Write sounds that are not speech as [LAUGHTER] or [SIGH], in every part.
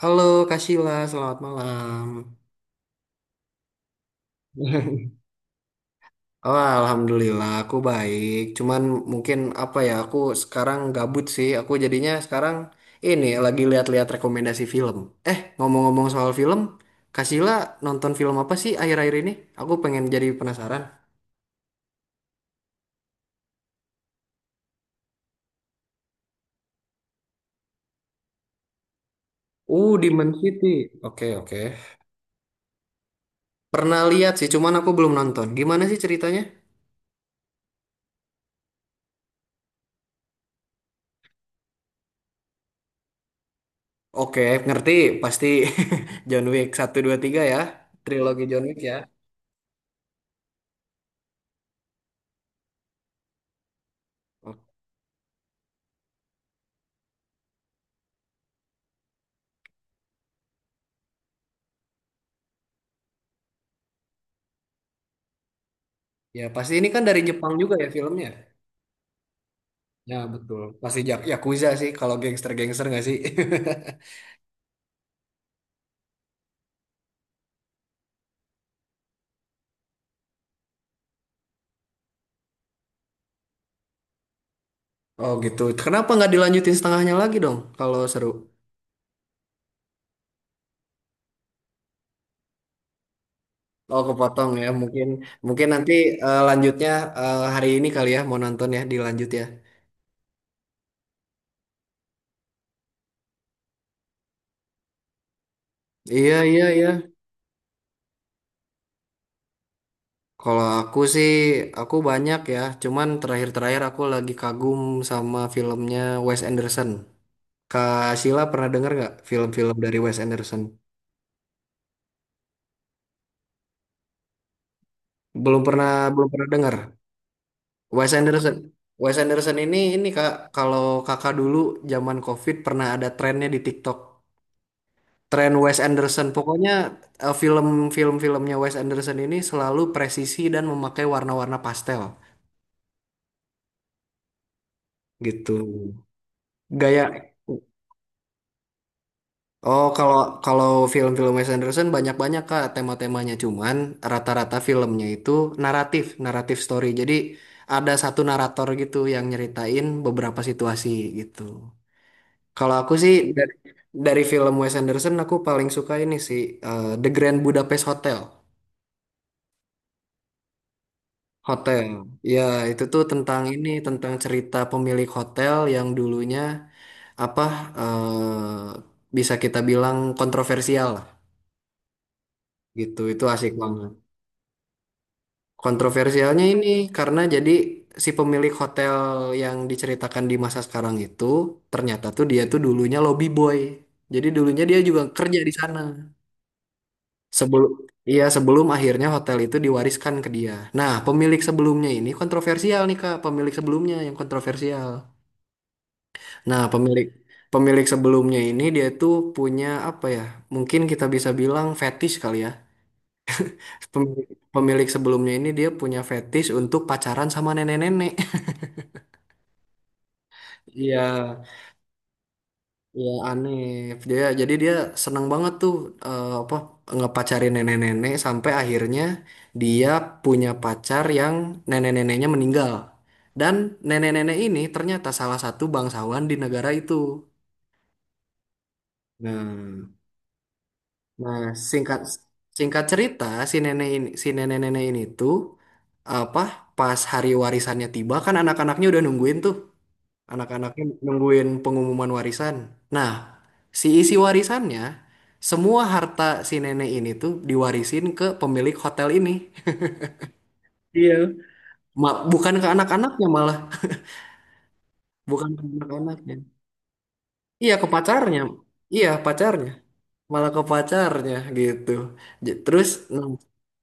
Halo Kak Sheila, selamat malam. [LAUGHS] Oh, alhamdulillah aku baik. Cuman mungkin apa ya, aku sekarang gabut sih. Aku jadinya sekarang ini lagi lihat-lihat rekomendasi film. Eh, ngomong-ngomong soal film, Kak Sheila nonton film apa sih akhir-akhir ini? Aku pengen jadi penasaran. Demon City. Oke, oke. Pernah lihat sih, cuman aku belum nonton. Gimana sih ceritanya? Oke, ngerti. Pasti [LAUGHS] John Wick 1, 2, 3 ya. Trilogi John Wick ya. Ya, pasti ini kan dari Jepang juga ya filmnya. Ya, betul. Pasti Jak Yakuza sih kalau gangster-gangster nggak sih? [LAUGHS] Oh gitu. Kenapa nggak dilanjutin setengahnya lagi dong kalau seru? Oh kepotong ya. Mungkin mungkin nanti lanjutnya hari ini kali ya mau nonton ya dilanjut ya. Iya iya iya. Kalau aku sih aku banyak ya. Cuman terakhir-terakhir aku lagi kagum sama filmnya Wes Anderson. Kak Sheila pernah dengar nggak film-film dari Wes Anderson? Belum pernah belum pernah dengar. Wes Anderson. Wes Anderson ini Kak, kalau Kakak dulu zaman COVID pernah ada trennya di TikTok. Tren Wes Anderson. Pokoknya filmnya Wes Anderson ini selalu presisi dan memakai warna-warna pastel gitu. Gaya Oh, kalau kalau film-film Wes Anderson banyak-banyak Kak tema-temanya cuman rata-rata filmnya itu naratif story. Jadi ada satu narator gitu yang nyeritain beberapa situasi gitu. Kalau aku sih dari film Wes Anderson aku paling suka ini sih The Grand Budapest Hotel. Hotel. Ya, itu tuh tentang ini tentang cerita pemilik hotel yang dulunya apa bisa kita bilang kontroversial lah gitu. Itu asik banget. Kontroversialnya ini karena jadi si pemilik hotel yang diceritakan di masa sekarang itu ternyata tuh dia tuh dulunya lobby boy. Jadi dulunya dia juga kerja di sana. Sebelum iya, sebelum akhirnya hotel itu diwariskan ke dia. Nah, pemilik sebelumnya ini kontroversial nih Kak, pemilik sebelumnya yang kontroversial. Nah, pemilik pemilik sebelumnya ini dia tuh punya apa ya? Mungkin kita bisa bilang fetish kali ya. Pemilik, pemilik sebelumnya ini dia punya fetish untuk pacaran sama nenek-nenek. [LAUGHS] Iya. Iya aneh. Jadi dia seneng banget tuh apa ngepacarin nenek-nenek sampai akhirnya dia punya pacar yang nenek-neneknya meninggal. Dan nenek-nenek ini ternyata salah satu bangsawan di negara itu. Nah, nah, singkat singkat cerita si nenek-nenek ini tuh apa pas hari warisannya tiba kan anak-anaknya udah nungguin tuh. Anak-anaknya nungguin pengumuman warisan. Nah, si isi warisannya, semua harta si nenek ini tuh diwarisin ke pemilik hotel ini. Iya. Bukan ke anak-anaknya malah, bukan ke anak-anaknya. Iya, ke pacarnya. Iya, pacarnya. Malah ke pacarnya gitu. Terus nah,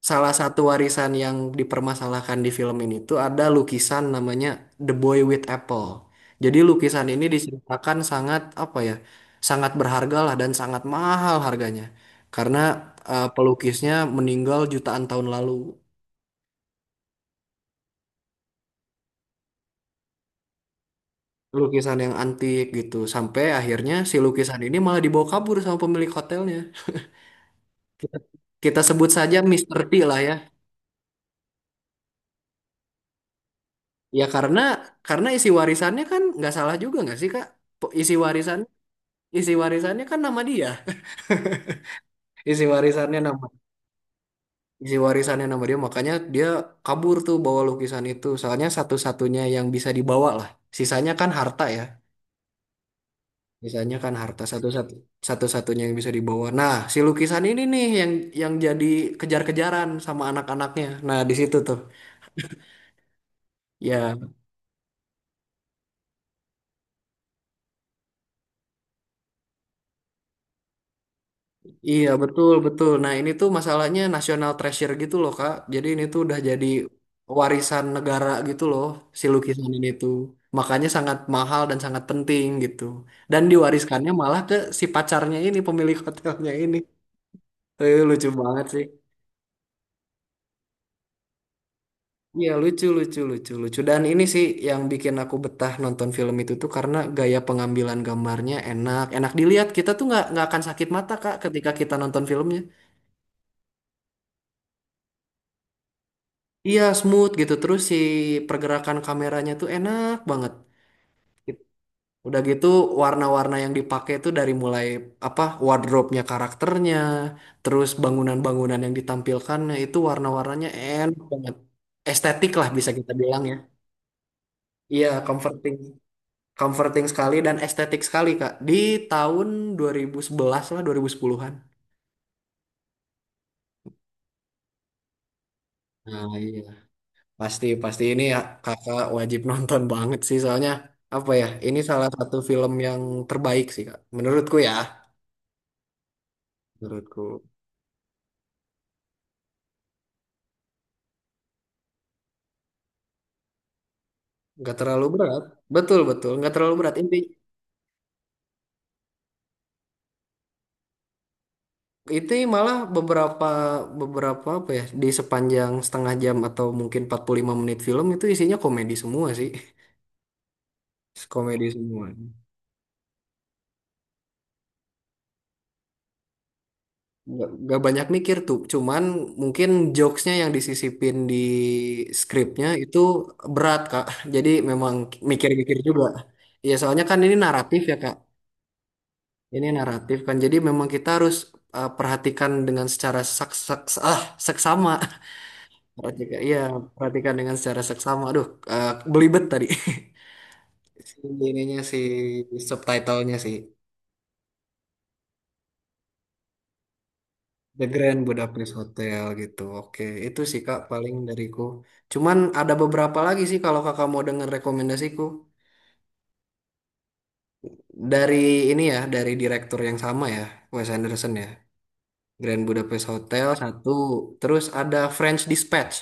salah satu warisan yang dipermasalahkan di film ini tuh ada lukisan namanya The Boy with Apple. Jadi lukisan ini diceritakan sangat apa ya, sangat berharga lah dan sangat mahal harganya. Karena pelukisnya meninggal jutaan tahun lalu. Lukisan yang antik gitu. Sampai akhirnya si lukisan ini malah dibawa kabur sama pemilik hotelnya. Kita sebut saja Mister T lah ya. Ya karena isi warisannya kan nggak salah juga nggak sih Kak? Po- Isi warisan isi warisannya kan nama dia. Isi warisannya nama isi warisannya nama dia makanya dia kabur tuh bawa lukisan itu. Soalnya satu-satunya yang bisa dibawa lah. Sisanya kan harta ya. Sisanya kan harta satu-satunya yang bisa dibawa. Nah, si lukisan ini nih yang jadi kejar-kejaran sama anak-anaknya. Nah, di situ tuh. Ya, iya betul betul. Nah ini tuh masalahnya national treasure gitu loh Kak. Jadi ini tuh udah jadi warisan negara gitu loh si lukisan ini tuh. Makanya sangat mahal dan sangat penting gitu. Dan diwariskannya malah ke si pacarnya ini pemilik [LAUGHS] hotelnya ini. Eh, lucu banget sih. Iya lucu lucu lucu lucu. Dan ini sih yang bikin aku betah nonton film itu tuh karena gaya pengambilan gambarnya enak enak dilihat. Kita tuh nggak akan sakit mata Kak ketika kita nonton filmnya. Iya smooth gitu terus si pergerakan kameranya tuh enak banget. Udah gitu warna-warna yang dipakai tuh dari mulai apa wardrobe-nya karakternya, terus bangunan-bangunan yang ditampilkannya itu warna-warnanya enak banget. Estetik lah bisa kita bilang ya. Iya comforting, comforting sekali dan estetik sekali Kak. Di tahun 2011 lah 2010-an. Nah, iya. Pasti, ini ya, kakak wajib [LAUGHS] nonton banget sih soalnya apa ya? Ini salah satu film yang terbaik sih kak, menurutku ya. Menurutku nggak terlalu berat, betul betul nggak terlalu berat. Itu malah beberapa beberapa apa ya di sepanjang setengah jam atau mungkin 45 menit film itu isinya komedi semua sih, [LAUGHS] komedi semua. Nggak banyak mikir tuh cuman mungkin jokesnya yang disisipin di skripnya itu berat kak jadi memang mikir-mikir juga ya soalnya kan ini naratif ya kak ini naratif kan jadi memang kita harus perhatikan dengan secara sak sak seksama [LAUGHS] perhatikan iya perhatikan dengan secara seksama aduh uh, belibet tadi [LAUGHS] si si subtitlenya sih The Grand Budapest Hotel gitu. Oke, itu sih Kak paling dariku. Cuman ada beberapa lagi sih kalau Kakak mau dengar rekomendasiku. Dari ini ya, dari direktur yang sama ya, Wes Anderson ya. Grand Budapest Hotel satu, terus ada French Dispatch.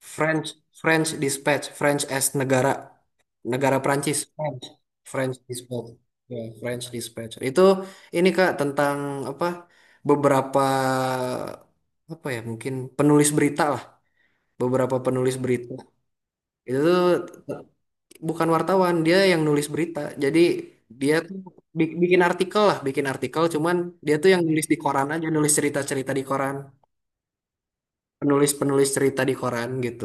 French French Dispatch, French as negara negara Prancis. French French Dispatch. Ya, French Dispatch. Itu ini Kak tentang apa? Beberapa apa ya mungkin penulis berita beberapa penulis berita itu tuh bukan wartawan dia yang nulis berita jadi dia tuh bikin artikel lah bikin artikel cuman dia tuh yang nulis di koran aja nulis cerita-cerita di koran penulis-penulis cerita di koran gitu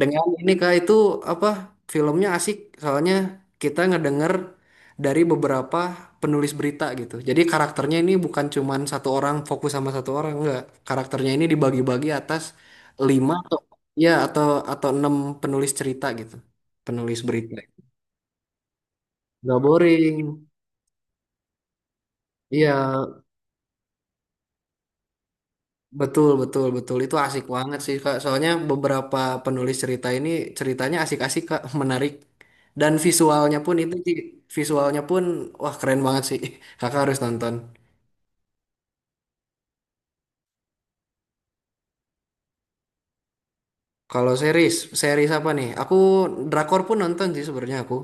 dengan ini Kak itu apa filmnya asik soalnya kita ngedenger dari beberapa penulis berita gitu. Jadi karakternya ini bukan cuman satu orang fokus sama satu orang enggak. Karakternya ini dibagi-bagi atas lima atau ya atau enam penulis cerita gitu. Penulis berita. Gak boring. Iya. Betul, betul, betul. Itu asik banget sih, Kak. Soalnya beberapa penulis cerita ini ceritanya asik-asik, Kak. [LAUGHS] Menarik. Dan visualnya pun wah keren banget sih. [LAUGHS] Kakak harus nonton. Kalau series, apa nih? Aku drakor pun nonton sih sebenarnya aku.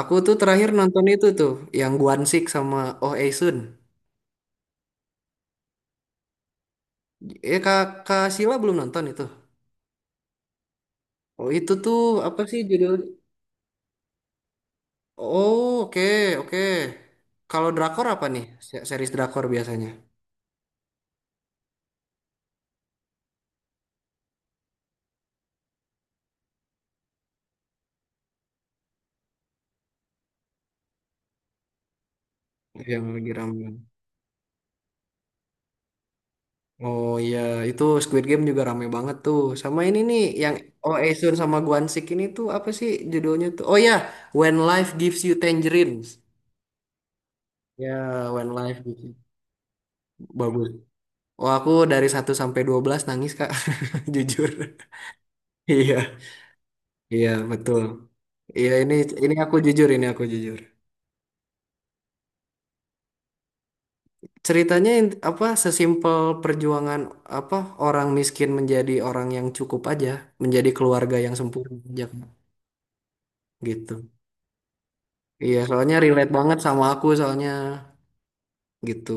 Aku tuh terakhir nonton itu tuh yang Gwansik sama Oh Aesun. Eh Kak, Kak Sila belum nonton itu. Oh itu tuh apa sih judul. Oh, oke, oke. Kalau drakor apa nih? Series drakor biasanya. Yang lagi rame. Oh iya, itu Squid Game juga rame banget tuh. Sama ini nih yang Oh Esun sama Gwan Sik ini tuh apa sih judulnya tuh? Oh ya, When Life Gives You Tangerines. Ya, When Life Gives You. Bagus. Oh, aku dari 1 sampai 12 nangis, Kak. [LAUGHS] Jujur. Iya. Iya, betul. Iya, ini aku jujur, ini aku jujur. Ceritanya apa sesimpel perjuangan apa orang miskin menjadi orang yang cukup aja, menjadi keluarga yang sempurna aja, Kak. Gitu. Iya, soalnya relate banget sama aku soalnya gitu.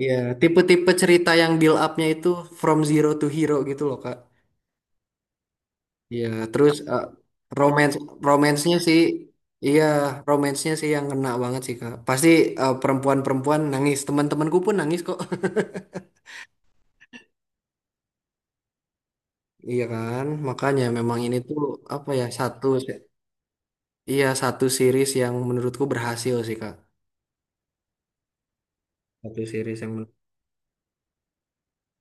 Iya, tipe-tipe cerita yang build up-nya itu from zero to hero gitu loh, Kak. Iya, terus romance romance-nya sih iya, romance-nya sih yang kena banget sih, Kak. Pasti perempuan-perempuan nangis, teman-temanku pun nangis kok. [LAUGHS] Iya kan? Makanya memang ini tuh apa ya? Iya, satu series yang menurutku berhasil sih, Kak. Satu series yang men-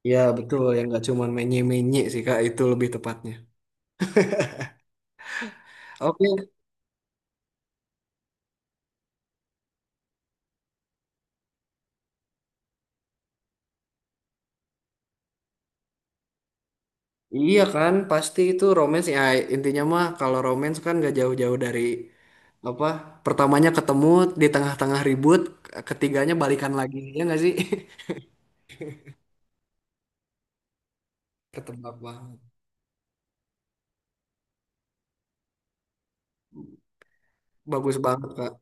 Iya, betul yang nggak cuma menye-menye sih, Kak. Itu lebih tepatnya. Oke. Iya kan, pasti itu romance ya intinya mah kalau romance kan gak jauh-jauh dari apa pertamanya ketemu di tengah-tengah ribut ketiganya balikan lagi ya nggak sih? [LAUGHS] Ketebak banget, bagus banget kak,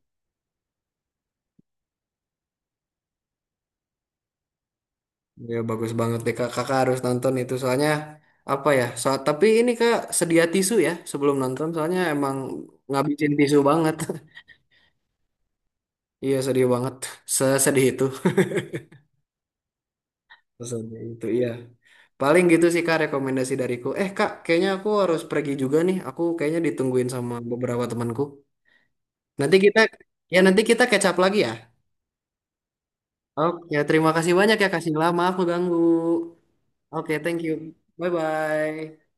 ya bagus banget deh kak, kakak harus nonton itu soalnya apa ya? So, tapi ini kak sedia tisu ya sebelum nonton soalnya emang ngabisin tisu banget, [LAUGHS] iya sedih banget, sesedih itu, sesedih itu iya. Paling gitu sih Kak rekomendasi dariku. Eh Kak, kayaknya aku harus pergi juga nih. Aku kayaknya ditungguin sama beberapa temanku. Nanti kita ya nanti kita catch up lagi ya. Oke, terima kasih banyak ya Kak Sila. Maaf ganggu. Oke, thank you. Bye bye.